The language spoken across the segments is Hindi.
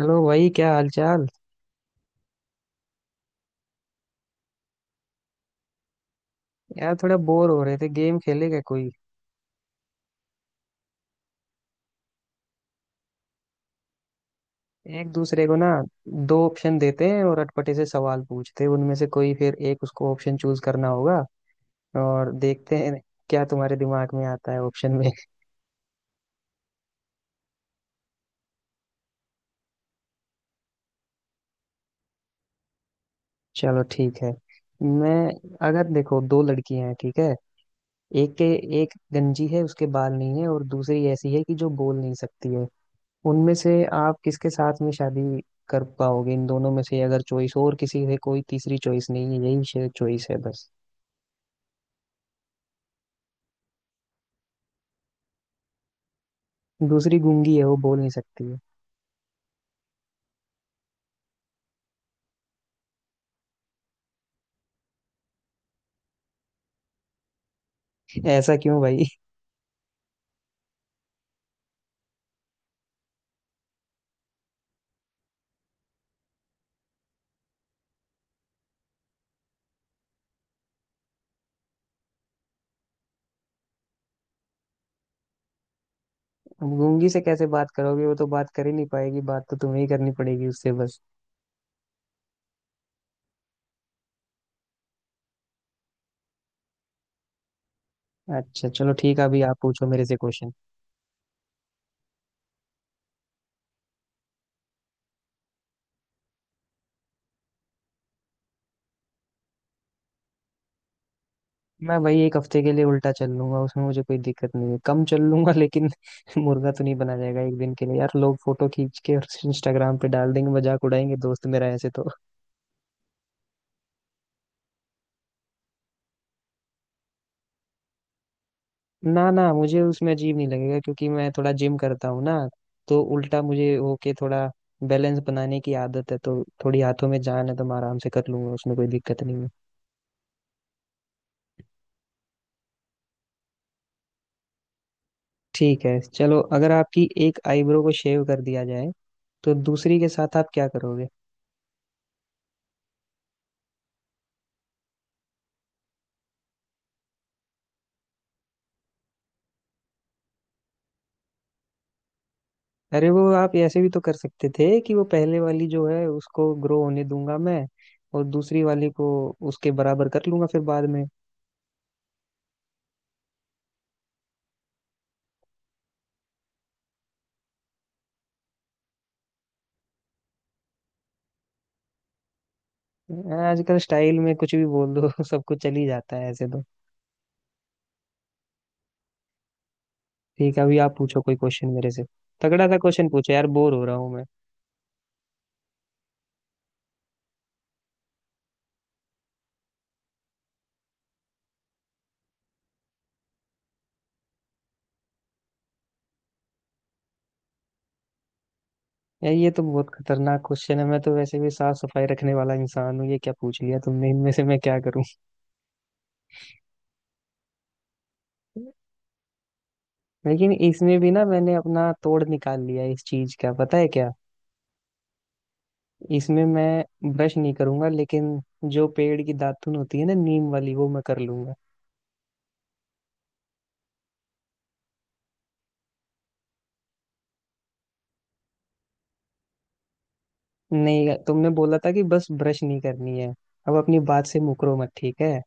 हेलो भाई, क्या हाल चाल। यार थोड़ा बोर हो रहे थे, गेम खेलेगा कोई? एक दूसरे को ना दो ऑप्शन देते हैं और अटपटे से सवाल पूछते हैं, उनमें से कोई फिर एक उसको ऑप्शन चूज करना होगा और देखते हैं क्या तुम्हारे दिमाग में आता है ऑप्शन में। चलो ठीक है। मैं, अगर देखो दो लड़कियां हैं, ठीक है, एक के, एक गंजी है उसके बाल नहीं है और दूसरी ऐसी है कि जो बोल नहीं सकती है। उनमें से आप किसके साथ में शादी कर पाओगे? इन दोनों में से, अगर चॉइस, और किसी से कोई तीसरी चॉइस नहीं है, यही चॉइस है बस। दूसरी गूंगी है, वो बोल नहीं सकती है। ऐसा क्यों भाई? अब गूंगी से कैसे बात करोगे, वो तो बात कर ही नहीं पाएगी, बात तो तुम्हें ही करनी पड़ेगी उससे बस। अच्छा चलो ठीक है, अभी आप पूछो मेरे से क्वेश्चन। मैं भाई एक हफ्ते के लिए उल्टा चल लूंगा, उसमें मुझे कोई दिक्कत नहीं है, कम चल लूंगा लेकिन मुर्गा तो नहीं बना जाएगा एक दिन के लिए। यार लोग फोटो खींच के और इंस्टाग्राम पे डाल देंगे, मजाक उड़ाएंगे दोस्त मेरा ऐसे तो। ना ना, मुझे उसमें अजीब नहीं लगेगा क्योंकि मैं थोड़ा जिम करता हूँ ना, तो उल्टा मुझे वो के थोड़ा बैलेंस बनाने की आदत है, तो थोड़ी हाथों में जान है, तो मैं आराम से कर लूंगा, उसमें कोई दिक्कत नहीं है। ठीक है चलो, अगर आपकी एक आईब्रो को शेव कर दिया जाए तो दूसरी के साथ आप क्या करोगे? अरे वो आप ऐसे भी तो कर सकते थे कि वो पहले वाली जो है उसको ग्रो होने दूंगा मैं, और दूसरी वाली को उसके बराबर कर लूंगा फिर बाद में। आजकल स्टाइल में कुछ भी बोल दो सब कुछ चल ही जाता है ऐसे तो। ठीक है अभी आप पूछो कोई क्वेश्चन मेरे से, तगड़ा सा क्वेश्चन पूछो यार, बोर हो रहा हूँ मैं। यार ये तो बहुत खतरनाक क्वेश्चन है, मैं तो वैसे भी साफ सफाई रखने वाला इंसान हूँ, ये क्या पूछ लिया तुमने, इनमें से मैं क्या करूँ। लेकिन इसमें भी ना मैंने अपना तोड़ निकाल लिया है इस चीज का, पता है क्या? इसमें मैं ब्रश नहीं करूंगा लेकिन जो पेड़ की दातुन होती है ना, नीम वाली, वो मैं कर लूंगा। नहीं, तुमने बोला था कि बस ब्रश नहीं करनी है, अब अपनी बात से मुकरो मत ठीक है।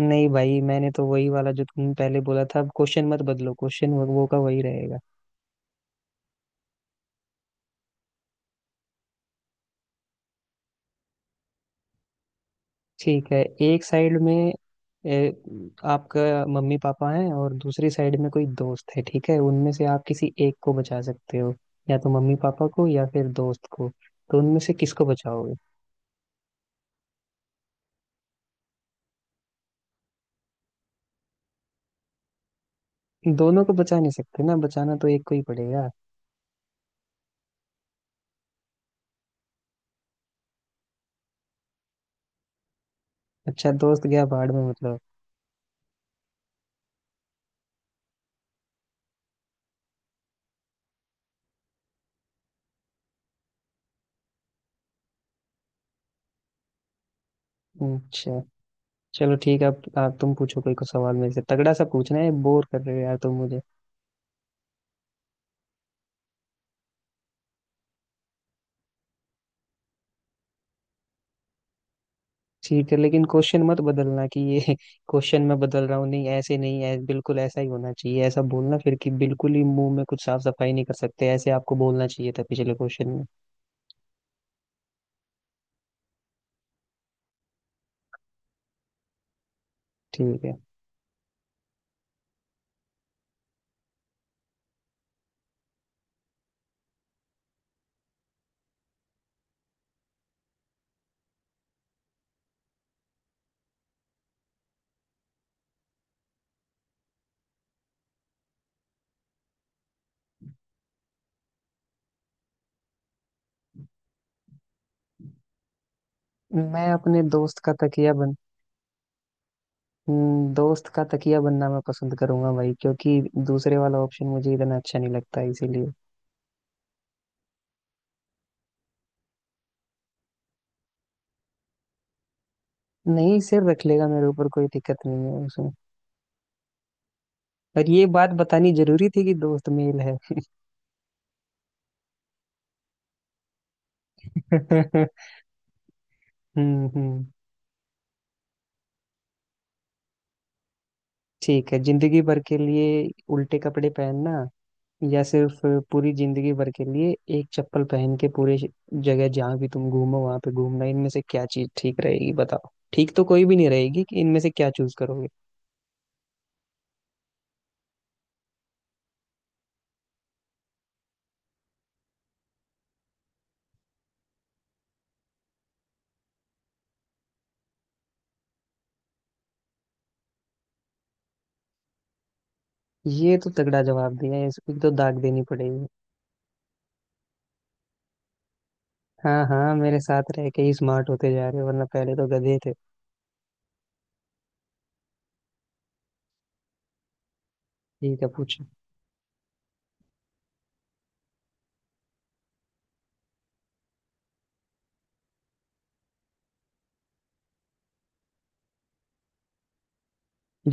नहीं भाई, मैंने तो वही वाला जो तुम पहले बोला था, अब क्वेश्चन मत बदलो, क्वेश्चन वो का वही रहेगा। ठीक है, एक साइड में ए, आपका मम्मी पापा हैं और दूसरी साइड में कोई दोस्त है, ठीक है, उनमें से आप किसी एक को बचा सकते हो, या तो मम्मी पापा को या फिर दोस्त को, तो उनमें से किसको बचाओगे? दोनों को बचा नहीं सकते ना, बचाना तो एक को ही पड़ेगा। अच्छा दोस्त गया बाढ़ में मतलब। अच्छा चलो ठीक है, आप तुम पूछो कोई को सवाल मेरे से, तगड़ा सा पूछना है, बोर कर रहे हो यार तुम मुझे। ठीक है, लेकिन क्वेश्चन मत बदलना कि ये क्वेश्चन मैं बदल रहा हूँ, नहीं ऐसे नहीं, बिल्कुल ऐसा ही होना चाहिए, ऐसा बोलना फिर कि बिल्कुल ही मुंह में कुछ साफ सफाई नहीं कर सकते, ऐसे आपको बोलना चाहिए था पिछले क्वेश्चन में। ठीक है, मैं अपने दोस्त का तकिया बन, दोस्त का तकिया बनना मैं पसंद करूंगा भाई, क्योंकि दूसरे वाला ऑप्शन मुझे इतना अच्छा नहीं लगता इसीलिए। नहीं, सिर रख लेगा मेरे ऊपर, कोई दिक्कत नहीं है उसमें। और ये बात बतानी जरूरी थी कि दोस्त मेल है। हम्म, हम्म। ठीक है, जिंदगी भर के लिए उल्टे कपड़े पहनना या सिर्फ पूरी जिंदगी भर के लिए एक चप्पल पहन के पूरे जगह जहां भी तुम घूमो वहां पे घूमना, इनमें से क्या चीज ठीक रहेगी बताओ? ठीक तो कोई भी नहीं रहेगी, कि इनमें से क्या चूज करोगे? ये तो तगड़ा जवाब दिया है, इसको तो दाग देनी पड़ेगी। हाँ हाँ, मेरे साथ रह के ही स्मार्ट होते जा रहे हो, वरना पहले तो गधे थे। ठीक है पूछो।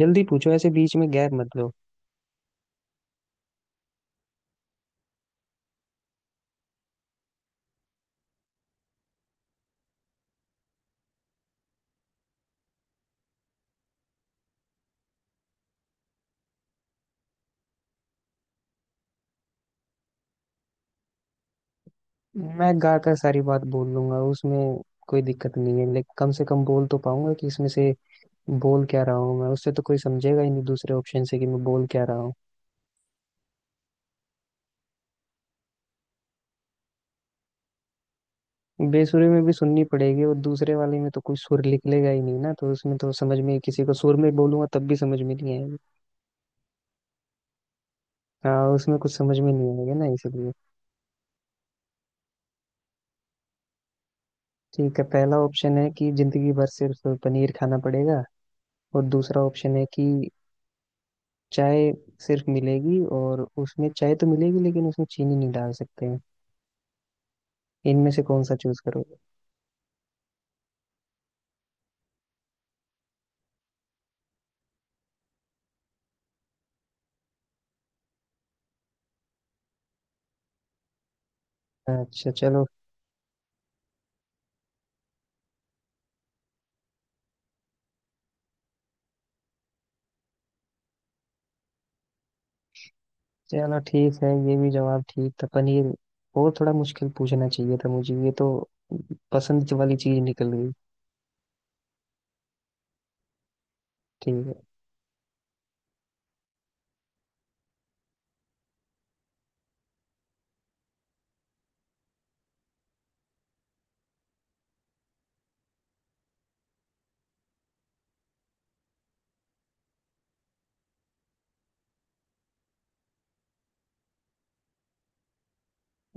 जल्दी पूछो, ऐसे बीच में गैप मत लो। मैं गा कर सारी बात बोल लूंगा, उसमें कोई दिक्कत नहीं है, लेकिन कम से कम बोल तो पाऊंगा कि इसमें से बोल क्या रहा हूँ मैं, उससे तो कोई समझेगा ही नहीं दूसरे ऑप्शन से कि मैं बोल क्या रहा हूँ। बेसुरे में भी सुननी पड़ेगी, और दूसरे वाले में तो कोई सुर निकलेगा ही नहीं ना, तो उसमें तो समझ में, किसी को सुर में बोलूंगा तब भी समझ में नहीं आएगा। हाँ, उसमें कुछ समझ में नहीं आएगा ना, इसलिए। ठीक है, पहला ऑप्शन है कि जिंदगी भर सिर्फ पनीर खाना पड़ेगा, और दूसरा ऑप्शन है कि चाय सिर्फ मिलेगी, और उसमें चाय तो मिलेगी लेकिन उसमें चीनी नहीं डाल सकते हैं। इनमें से कौन सा चूज करोगे? अच्छा चलो। चलो ठीक है, ये भी जवाब ठीक था, पनीर। और थोड़ा मुश्किल पूछना चाहिए था मुझे, ये तो पसंद वाली चीज निकल गई। ठीक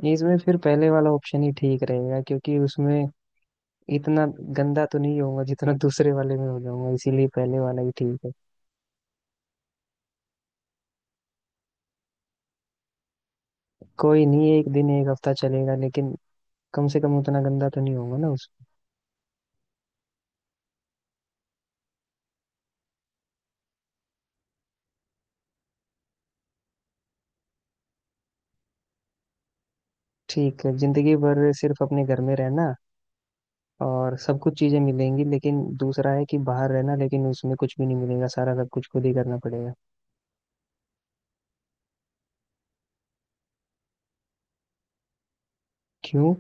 है, इसमें फिर पहले वाला ऑप्शन ही ठीक रहेगा, क्योंकि उसमें इतना गंदा तो नहीं होगा जितना दूसरे वाले में हो जाऊंगा, इसीलिए पहले वाला ही ठीक है। कोई नहीं, एक दिन एक हफ्ता चलेगा, लेकिन कम से कम उतना गंदा तो नहीं होगा ना उस। ठीक है, जिंदगी भर सिर्फ अपने घर में रहना और सब कुछ चीजें मिलेंगी, लेकिन दूसरा है कि बाहर रहना लेकिन उसमें कुछ भी नहीं मिलेगा, सारा सब कुछ खुद ही करना पड़ेगा। क्यों?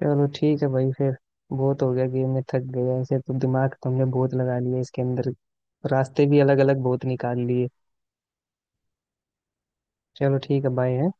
चलो ठीक है भाई फिर, बहुत हो गया गेम में, थक गया ऐसे तो, दिमाग तुमने बहुत लगा लिया इसके अंदर, रास्ते भी अलग अलग बहुत निकाल लिए। चलो ठीक है, बाय।